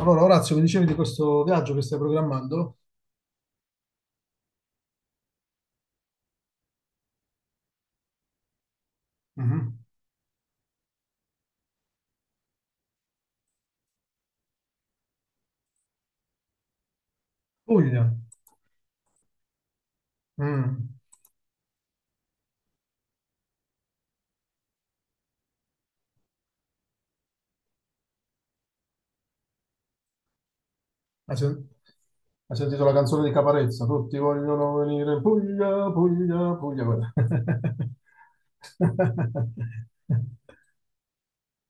Allora, Orazio, mi dicevi di questo viaggio che stai programmando? Mhm. Puglia. Mm. Hai sen- hai sentito la canzone di Caparezza? Tutti vogliono venire in Puglia, Puglia, Puglia, quella.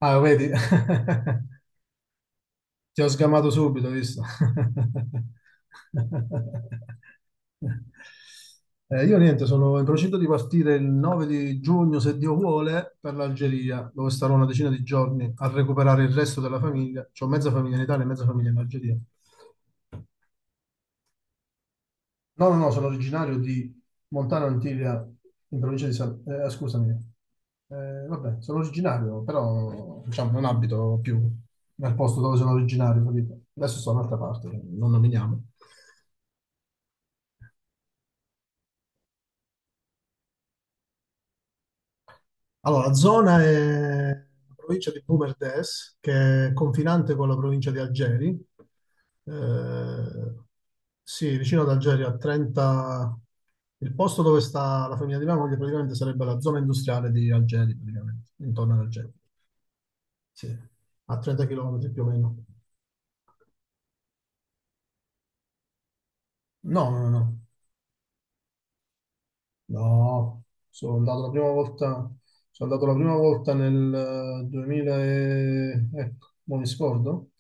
Ah, vedi? Ti ho sgamato subito, hai visto? Io niente, sono in procinto di partire il 9 di giugno, se Dio vuole, per l'Algeria, dove starò una decina di giorni a recuperare il resto della famiglia. C'ho mezza famiglia in Italia e mezza famiglia in Algeria. No, no, no, sono originario di Montana Antilia, in provincia di San, scusami. Vabbè, sono originario, però diciamo, non abito più nel posto dove sono originario, capito? Adesso sto da un'altra parte, non nominiamo. Allora, la zona è la provincia di Boumerdès, che è confinante con la provincia di Algeri. Eh, sì, vicino ad Algeri, a 30. Il posto dove sta la famiglia di mia moglie praticamente sarebbe la zona industriale di Algeri, praticamente, intorno ad Algeri. Sì, a 30 km più o meno. No, no, no. No, sono andato la prima volta, sono andato la prima volta nel 2000 ecco, non mi scordo,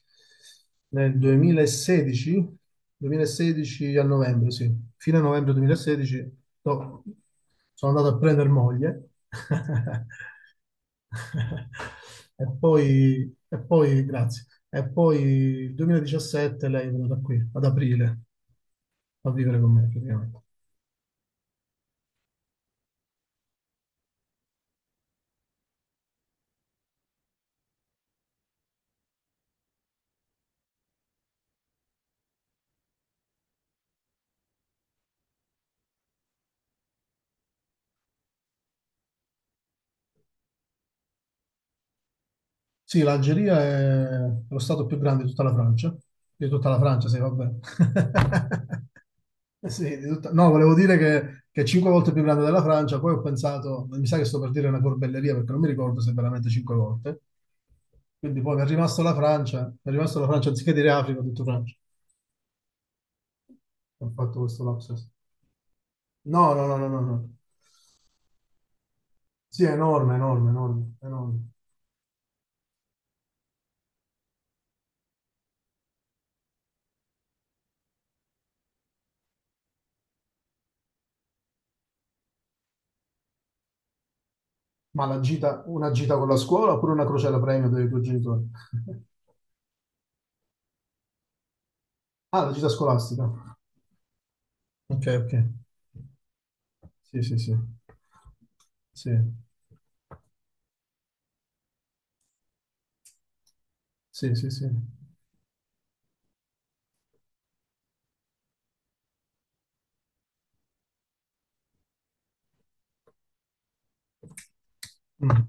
nel 2016, 2016 a novembre, sì, fine novembre 2016, no, sono andato a prendere moglie e poi, grazie, e poi il 2017 lei è venuta qui, ad aprile, a vivere con me praticamente. Sì, l'Algeria è lo stato più grande di tutta la Francia, di tutta la Francia, sì, vabbè. Eh, sì, no, volevo dire che è cinque volte più grande della Francia, poi ho pensato, mi sa che sto per dire una corbelleria perché non mi ricordo se è veramente cinque volte. Quindi poi mi è rimasto la Francia, mi è rimasto la Francia, anziché dire Africa, ho detto Francia. Ho fatto questo lapsus. No, no, no, no, no, no. Sì, è enorme, enorme, enorme, enorme. Ma la gita, una gita con la scuola oppure una crociera premio dei tuoi genitori? Ah, la gita scolastica. Ok, ok. Sì, sì, sì. Sì, sì, sì, sì. Mm.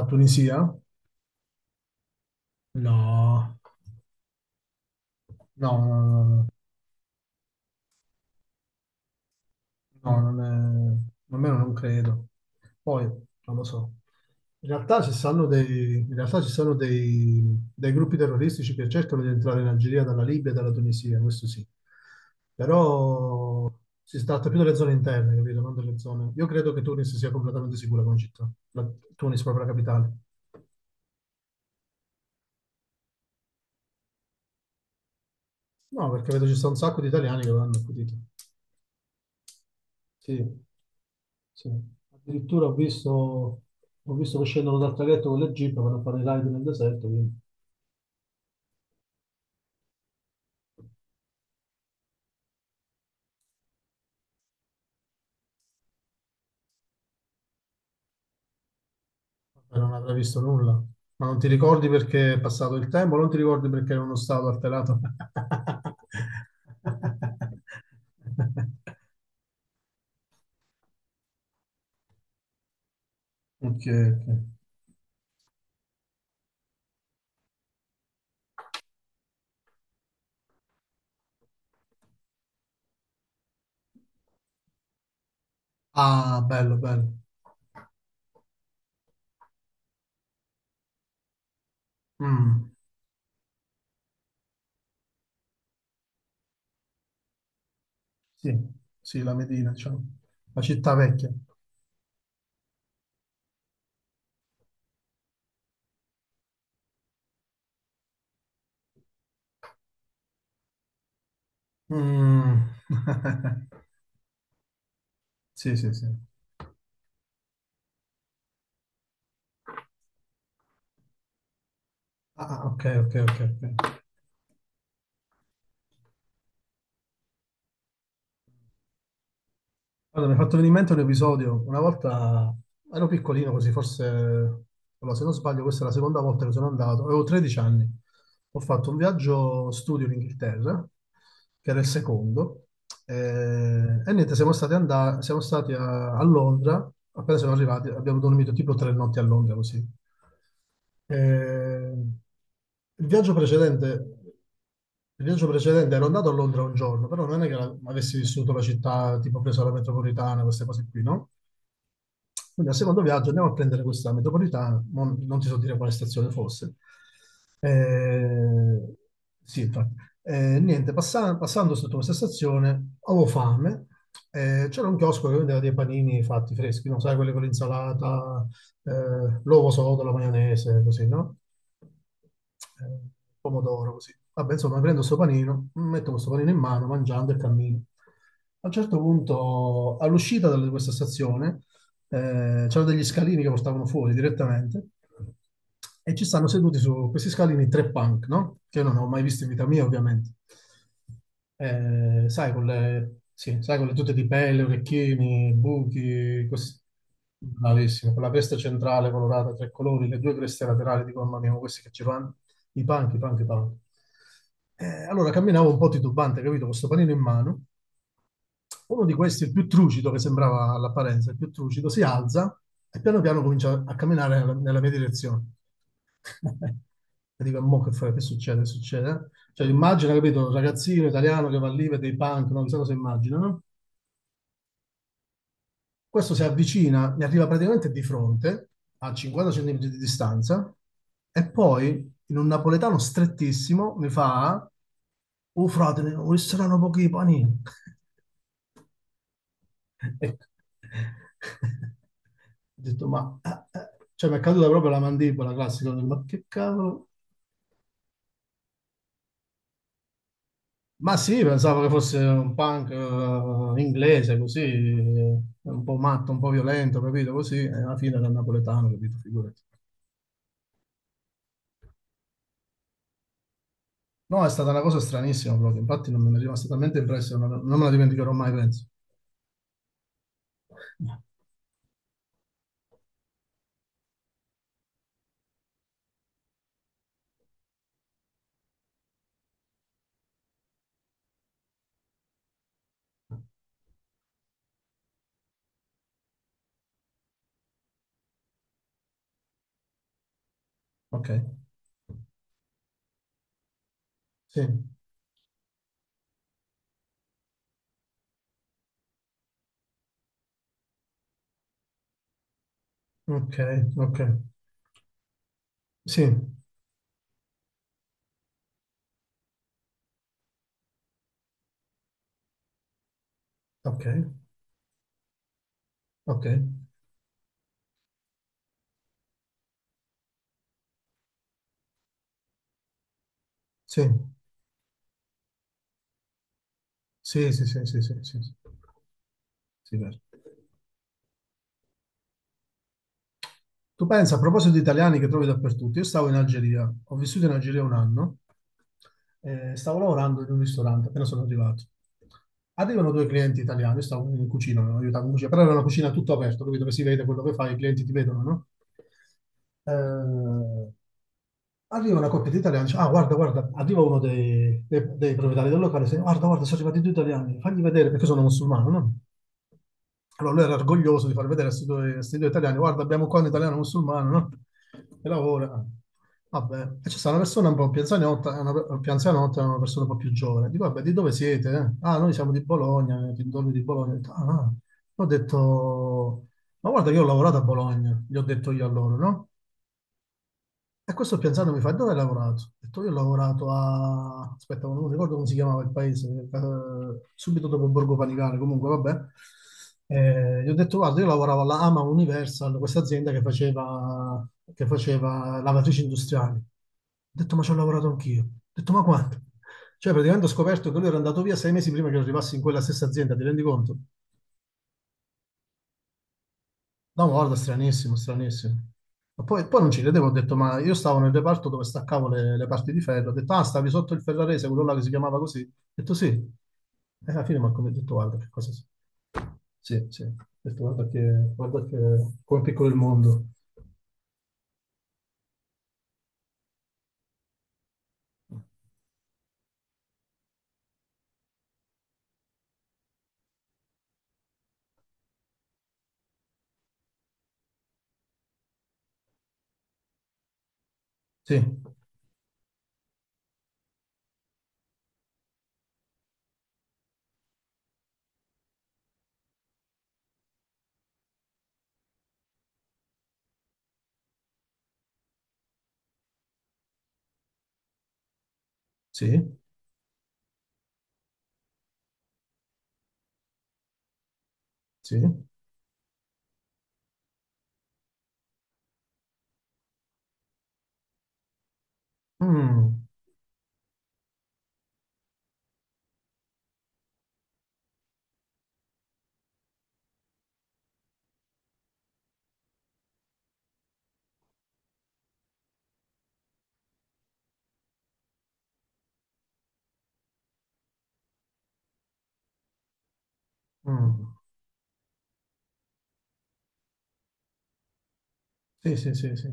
La Tunisia? No. No, no, no, no. No, non è, almeno non credo. Poi, non lo so. In realtà ci sono dei gruppi terroristici che cercano di entrare in Algeria dalla Libia e dalla Tunisia, questo sì. Però si tratta più delle zone interne, capito? Non delle zone. Io credo che Tunis sia completamente sicura come città. Tunis, proprio la capitale. No, perché vedo ci sta un sacco di italiani che l'hanno accudito. Sì. Sì. Addirittura ho visto che scendono dal traghetto con le jeep per fare i raid nel deserto, quindi. Vabbè, non avrei visto nulla. Ma non ti ricordi perché è passato il tempo? Non ti ricordi perché era uno stato alterato? Ok, ok. Ah, bello, bello. Mm, sì, sì, la Medina, diciamo. La città vecchia. Mm. Sì, sì, sì. Ah, ah, ok, ok, ok, ok. Guarda, mi hai fatto venire in mente un episodio. Una volta ero piccolino così, forse, allora, se non sbaglio, questa è la seconda volta che sono andato. Avevo 13 anni. Ho fatto un viaggio studio in Inghilterra, che era il secondo. E, niente, siamo stati a Londra. Appena siamo arrivati, abbiamo dormito tipo 3 notti a Londra così. Eh, il viaggio precedente, il viaggio precedente ero andato a Londra un giorno, però non è che avessi vissuto la città, tipo preso la metropolitana, queste cose qui, no? Quindi al secondo viaggio andiamo a prendere questa metropolitana, non ti so dire quale stazione fosse. Eh, sì, infatti. Niente, passando sotto questa stazione avevo fame, c'era un chiosco che vendeva dei panini fatti freschi, non sai, quelli con l'insalata, l'uovo sodo, la maionese, così, no? Eh, pomodoro, così. Vabbè, insomma, prendo questo panino, metto questo panino in mano, mangiando e cammino. A un certo punto, all'uscita da questa stazione, c'erano degli scalini che portavano fuori direttamente e ci stanno seduti su questi scalini tre punk, no? Che io non ho mai visto in vita mia, ovviamente. Sai, sì, sai, con le tute di pelle, orecchini, buchi. Bravissimo, con la cresta centrale colorata a tre colori, le due creste laterali, dico, mamma mia, ma questi che ci vanno, i punk, i punk, i punk. Allora camminavo un po' titubante, capito, con sto panino in mano, uno di questi, il più trucido, che sembrava all'apparenza il più trucido, si alza e piano piano comincia a camminare nella mia direzione. E dico, mo che fai? Che succede? Che succede? Cioè, immagina, capito, un ragazzino italiano che va lì, vede i punk, non so cosa immagina, no? Questo si avvicina, mi arriva praticamente di fronte, a 50 centimetri di distanza, e poi, in un napoletano strettissimo, mi fa, oh frate, oh, saranno pochi i panini. Ecco. Ho detto, ma ah, ah, cioè, mi è caduta proprio la mandibola classica. Ho detto, ma che cavolo? Ma sì, pensavo che fosse un punk inglese, così, un po' matto, un po' violento, capito? Così, e alla fine era napoletano, capito? Figurati. No, è stata una cosa stranissima proprio. Infatti, non mi è rimasta talmente impressa, non me la dimenticherò mai, penso. Ok, sì, ok, ok, sì, ok, ok, sì, sì, sì, sì, sì, sì, sì, sì, vero. Tu pensa, a proposito di italiani che trovi dappertutto, io stavo in Algeria, ho vissuto in Algeria un anno, stavo lavorando in un ristorante, appena sono arrivato. Arrivano due clienti italiani, io stavo in cucina, mi aiutavo in cucina, però era una cucina tutto aperto, capito? Che si vede quello che fai, i clienti ti vedono, no? Eh, arriva una coppia di italiani, dice, ah guarda, guarda, arriva uno dei proprietari del locale, dice, guarda, guarda, sono arrivati due italiani, fagli vedere perché sono musulmano, no? Allora lui era orgoglioso di far vedere a sti due italiani, guarda, abbiamo qua un italiano musulmano, no? Che lavora. Vabbè, e ci sta una persona un po' più anzianotta, e una, più anzianotta e una persona un po' più giovane. Dico, vabbè, di dove siete, eh? Ah, noi siamo di Bologna, di dove di Bologna. Ho detto, ah, ah. Ho detto, ma guarda che io ho lavorato a Bologna, gli ho detto io a loro, no? E questo pensando mi fa, dove hai lavorato? Ho detto, io ho lavorato a, aspetta, non ricordo come si chiamava il paese, subito dopo Borgo Panigale, comunque, vabbè. Gli ho detto, guarda, io lavoravo alla AMA Universal, questa azienda che faceva, lavatrici industriali. Ho detto, ma ci ho lavorato anch'io. Ho detto, ma quanto? Cioè, praticamente ho scoperto che lui era andato via 6 mesi prima che io arrivassi in quella stessa azienda, ti rendi conto? No, guarda, stranissimo, stranissimo. Ma poi non ci credevo, ho detto, ma io stavo nel reparto dove staccavo le parti di ferro, ho detto, ah, stavi sotto il ferrarese, quello là che si chiamava così. Ho detto sì. E alla fine Marco mi ha detto, guarda che cosa. Sì, sì. Ho detto, guarda che, guarda che come è piccolo il mondo. Sì, sì, sì. Mm, mm. Sì, sì, sì, sì.